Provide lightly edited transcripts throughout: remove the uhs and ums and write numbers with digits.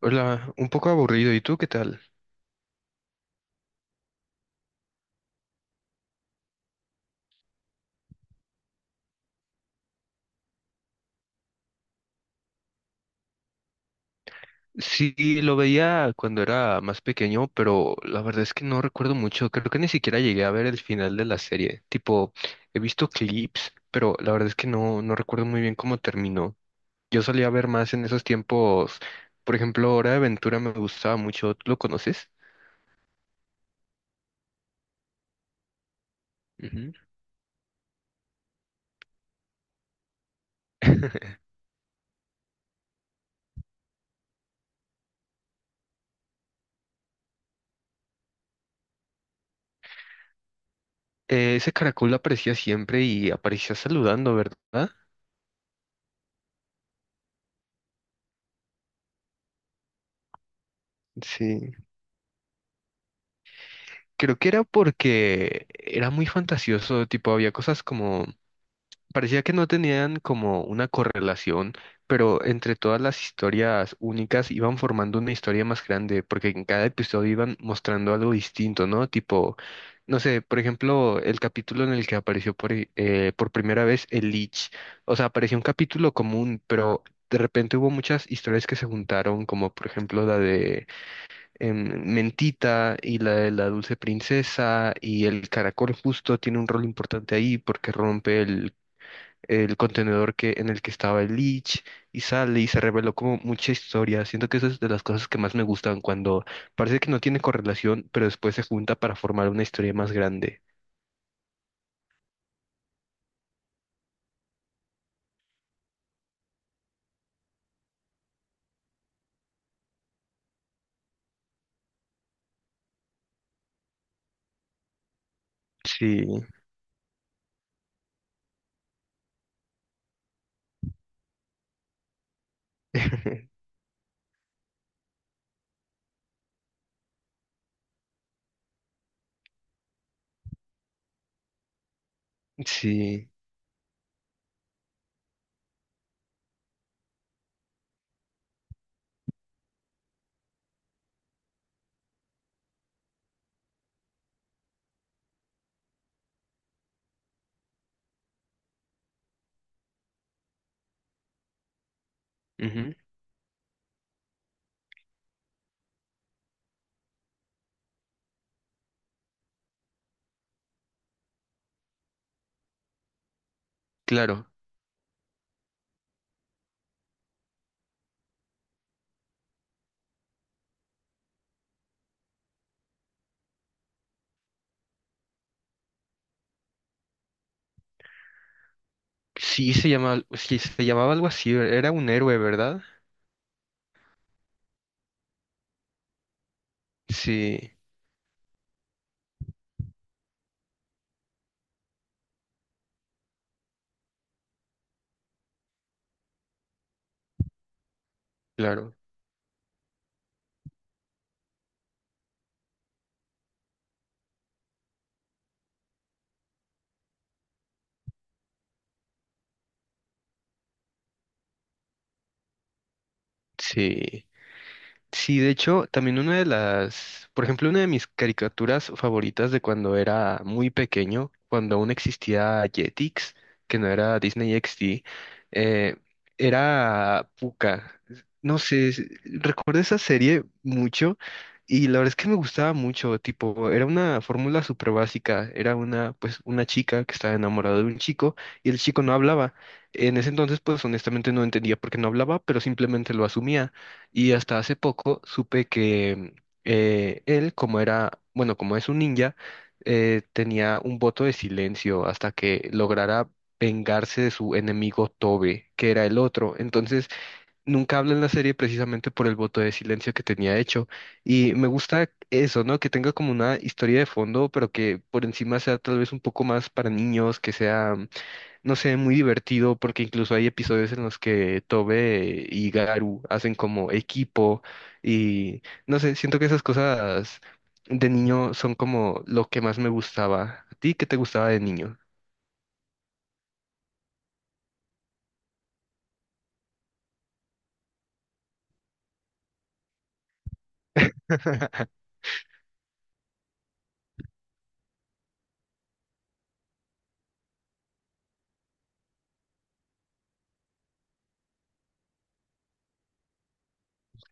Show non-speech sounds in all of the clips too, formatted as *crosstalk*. Hola, un poco aburrido. ¿Y tú qué tal? Sí, lo veía cuando era más pequeño, pero la verdad es que no recuerdo mucho. Creo que ni siquiera llegué a ver el final de la serie. Tipo, he visto clips, pero la verdad es que no recuerdo muy bien cómo terminó. Yo solía ver más en esos tiempos. Por ejemplo, Hora de Aventura me gustaba mucho. ¿Tú lo conoces? Ujú. *laughs* Ese caracol aparecía siempre y aparecía saludando, ¿verdad? Sí. Creo que era porque era muy fantasioso, tipo, había cosas como parecía que no tenían como una correlación, pero entre todas las historias únicas iban formando una historia más grande, porque en cada episodio iban mostrando algo distinto, ¿no? Tipo, no sé, por ejemplo, el capítulo en el que apareció por primera vez el Lich. O sea, apareció un capítulo común, pero de repente hubo muchas historias que se juntaron, como por ejemplo la de Mentita y la de la Dulce Princesa, y el caracol justo tiene un rol importante ahí porque rompe el contenedor en el que estaba el Lich y sale y se reveló como mucha historia. Siento que eso es de las cosas que más me gustan cuando parece que no tiene correlación, pero después se junta para formar una historia más grande. Sí, *laughs* sí, ujú. Claro. Sí se llama, sí se llamaba algo así, era un héroe, ¿verdad? Sí, claro, sí. Sí, de hecho, también una de las, por ejemplo, una de mis caricaturas favoritas de cuando era muy pequeño, cuando aún existía Jetix, que no era Disney XD, eh, era Pucca. No sé, recuerdo esa serie mucho y la verdad es que me gustaba mucho, tipo, era una fórmula súper básica, era una, pues, una chica que estaba enamorada de un chico y el chico no hablaba. En ese entonces, pues, honestamente no entendía por qué no hablaba, pero simplemente lo asumía. Y hasta hace poco supe que él, como era, bueno, como es un ninja, tenía un voto de silencio hasta que lograra vengarse de su enemigo Tobe, que era el otro. Entonces, nunca habla en la serie precisamente por el voto de silencio que tenía hecho. Y me gusta eso, ¿no? Que tenga como una historia de fondo, pero que por encima sea tal vez un poco más para niños, que sea no sé, muy divertido porque incluso hay episodios en los que Tobe y Garu hacen como equipo y no sé, siento que esas cosas de niño son como lo que más me gustaba. ¿A ti qué te gustaba de niño? *laughs*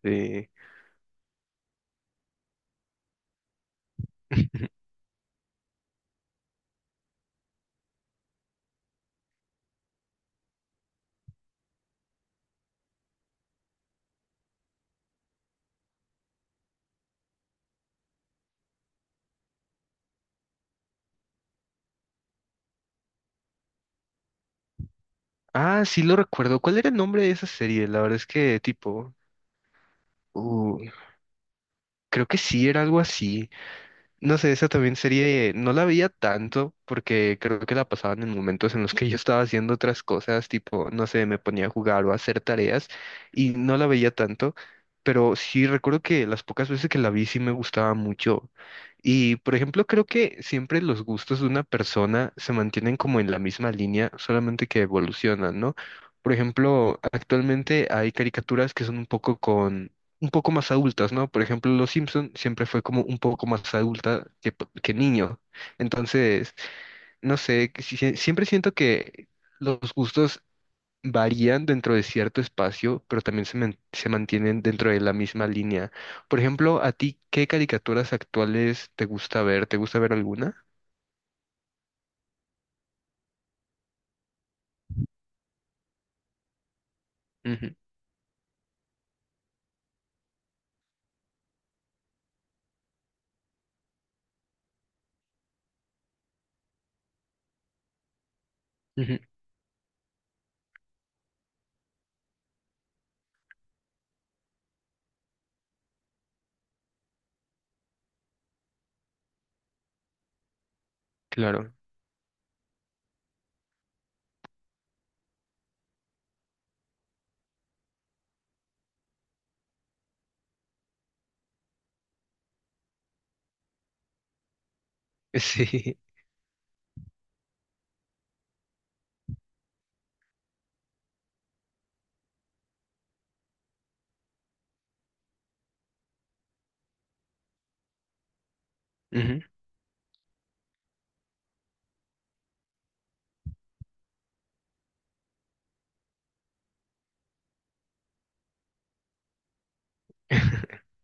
Sí. Ah, sí lo recuerdo. ¿Cuál era el nombre de esa serie? La verdad es que tipo, uh, creo que sí era algo así. No sé, esa también serie no la veía tanto porque creo que la pasaban en momentos en los que yo estaba haciendo otras cosas, tipo, no sé, me ponía a jugar o a hacer tareas y no la veía tanto, pero sí recuerdo que las pocas veces que la vi sí me gustaba mucho. Y, por ejemplo, creo que siempre los gustos de una persona se mantienen como en la misma línea, solamente que evolucionan, ¿no? Por ejemplo, actualmente hay caricaturas que son un poco más adultas, ¿no? Por ejemplo, Los Simpson siempre fue como un poco más adulta que, que niño. Entonces, no sé, que siempre siento que los gustos varían dentro de cierto espacio, pero también se, se mantienen dentro de la misma línea. Por ejemplo, ¿a ti qué caricaturas actuales te gusta ver? ¿Te gusta ver alguna? Ujú, ujú, claro. *laughs* Sí. Ujú. *laughs*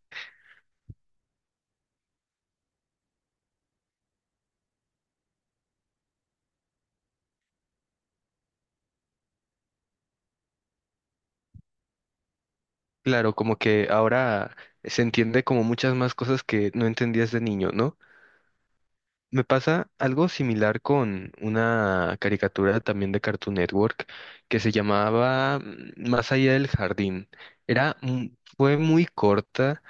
Claro, como que ahora se entiende como muchas más cosas que no entendías de niño, ¿no? Me pasa algo similar con una caricatura también de Cartoon Network que se llamaba Más allá del jardín. Era, mu- Fue muy corta,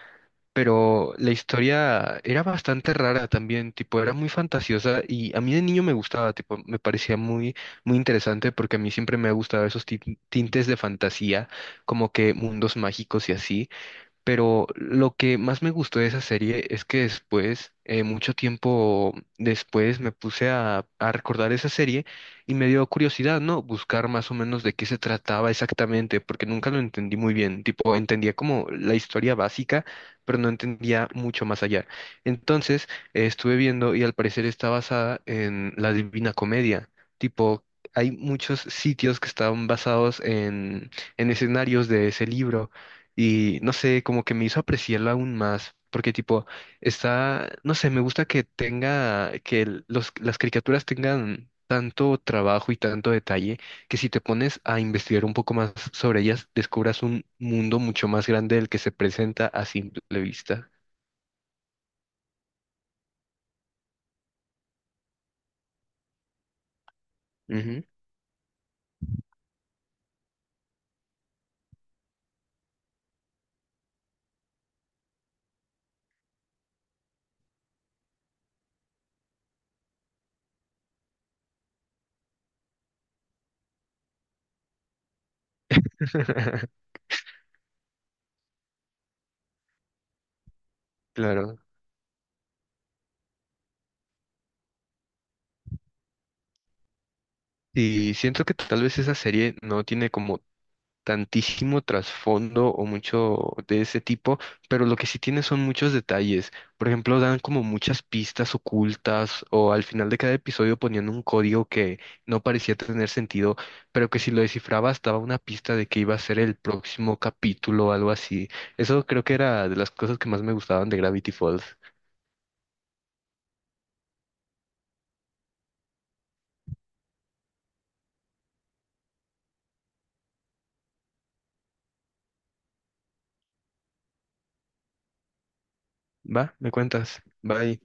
pero la historia era bastante rara también, tipo, era muy fantasiosa y a mí de niño me gustaba, tipo, me parecía muy, muy interesante porque a mí siempre me ha gustado esos tintes de fantasía, como que mundos mágicos y así. Pero lo que más me gustó de esa serie es que después, mucho tiempo después, me puse a recordar esa serie y me dio curiosidad, ¿no? Buscar más o menos de qué se trataba exactamente, porque nunca lo entendí muy bien. Tipo, entendía como la historia básica, pero no entendía mucho más allá. Entonces, estuve viendo y al parecer está basada en la Divina Comedia. Tipo, hay muchos sitios que estaban basados en escenarios de ese libro. Y no sé, como que me hizo apreciarlo aún más, porque tipo, está, no sé, me gusta que tenga, que las caricaturas tengan tanto trabajo y tanto detalle, que si te pones a investigar un poco más sobre ellas, descubras un mundo mucho más grande del que se presenta a simple vista. Ujú. *laughs* Claro. Y siento que tal vez esa serie no tiene como tantísimo trasfondo o mucho de ese tipo, pero lo que sí tiene son muchos detalles. Por ejemplo, dan como muchas pistas ocultas o al final de cada episodio ponían un código que no parecía tener sentido, pero que si lo descifrabas daba una pista de que iba a ser el próximo capítulo o algo así. Eso creo que era de las cosas que más me gustaban de Gravity Falls. Va, me cuentas. Bye.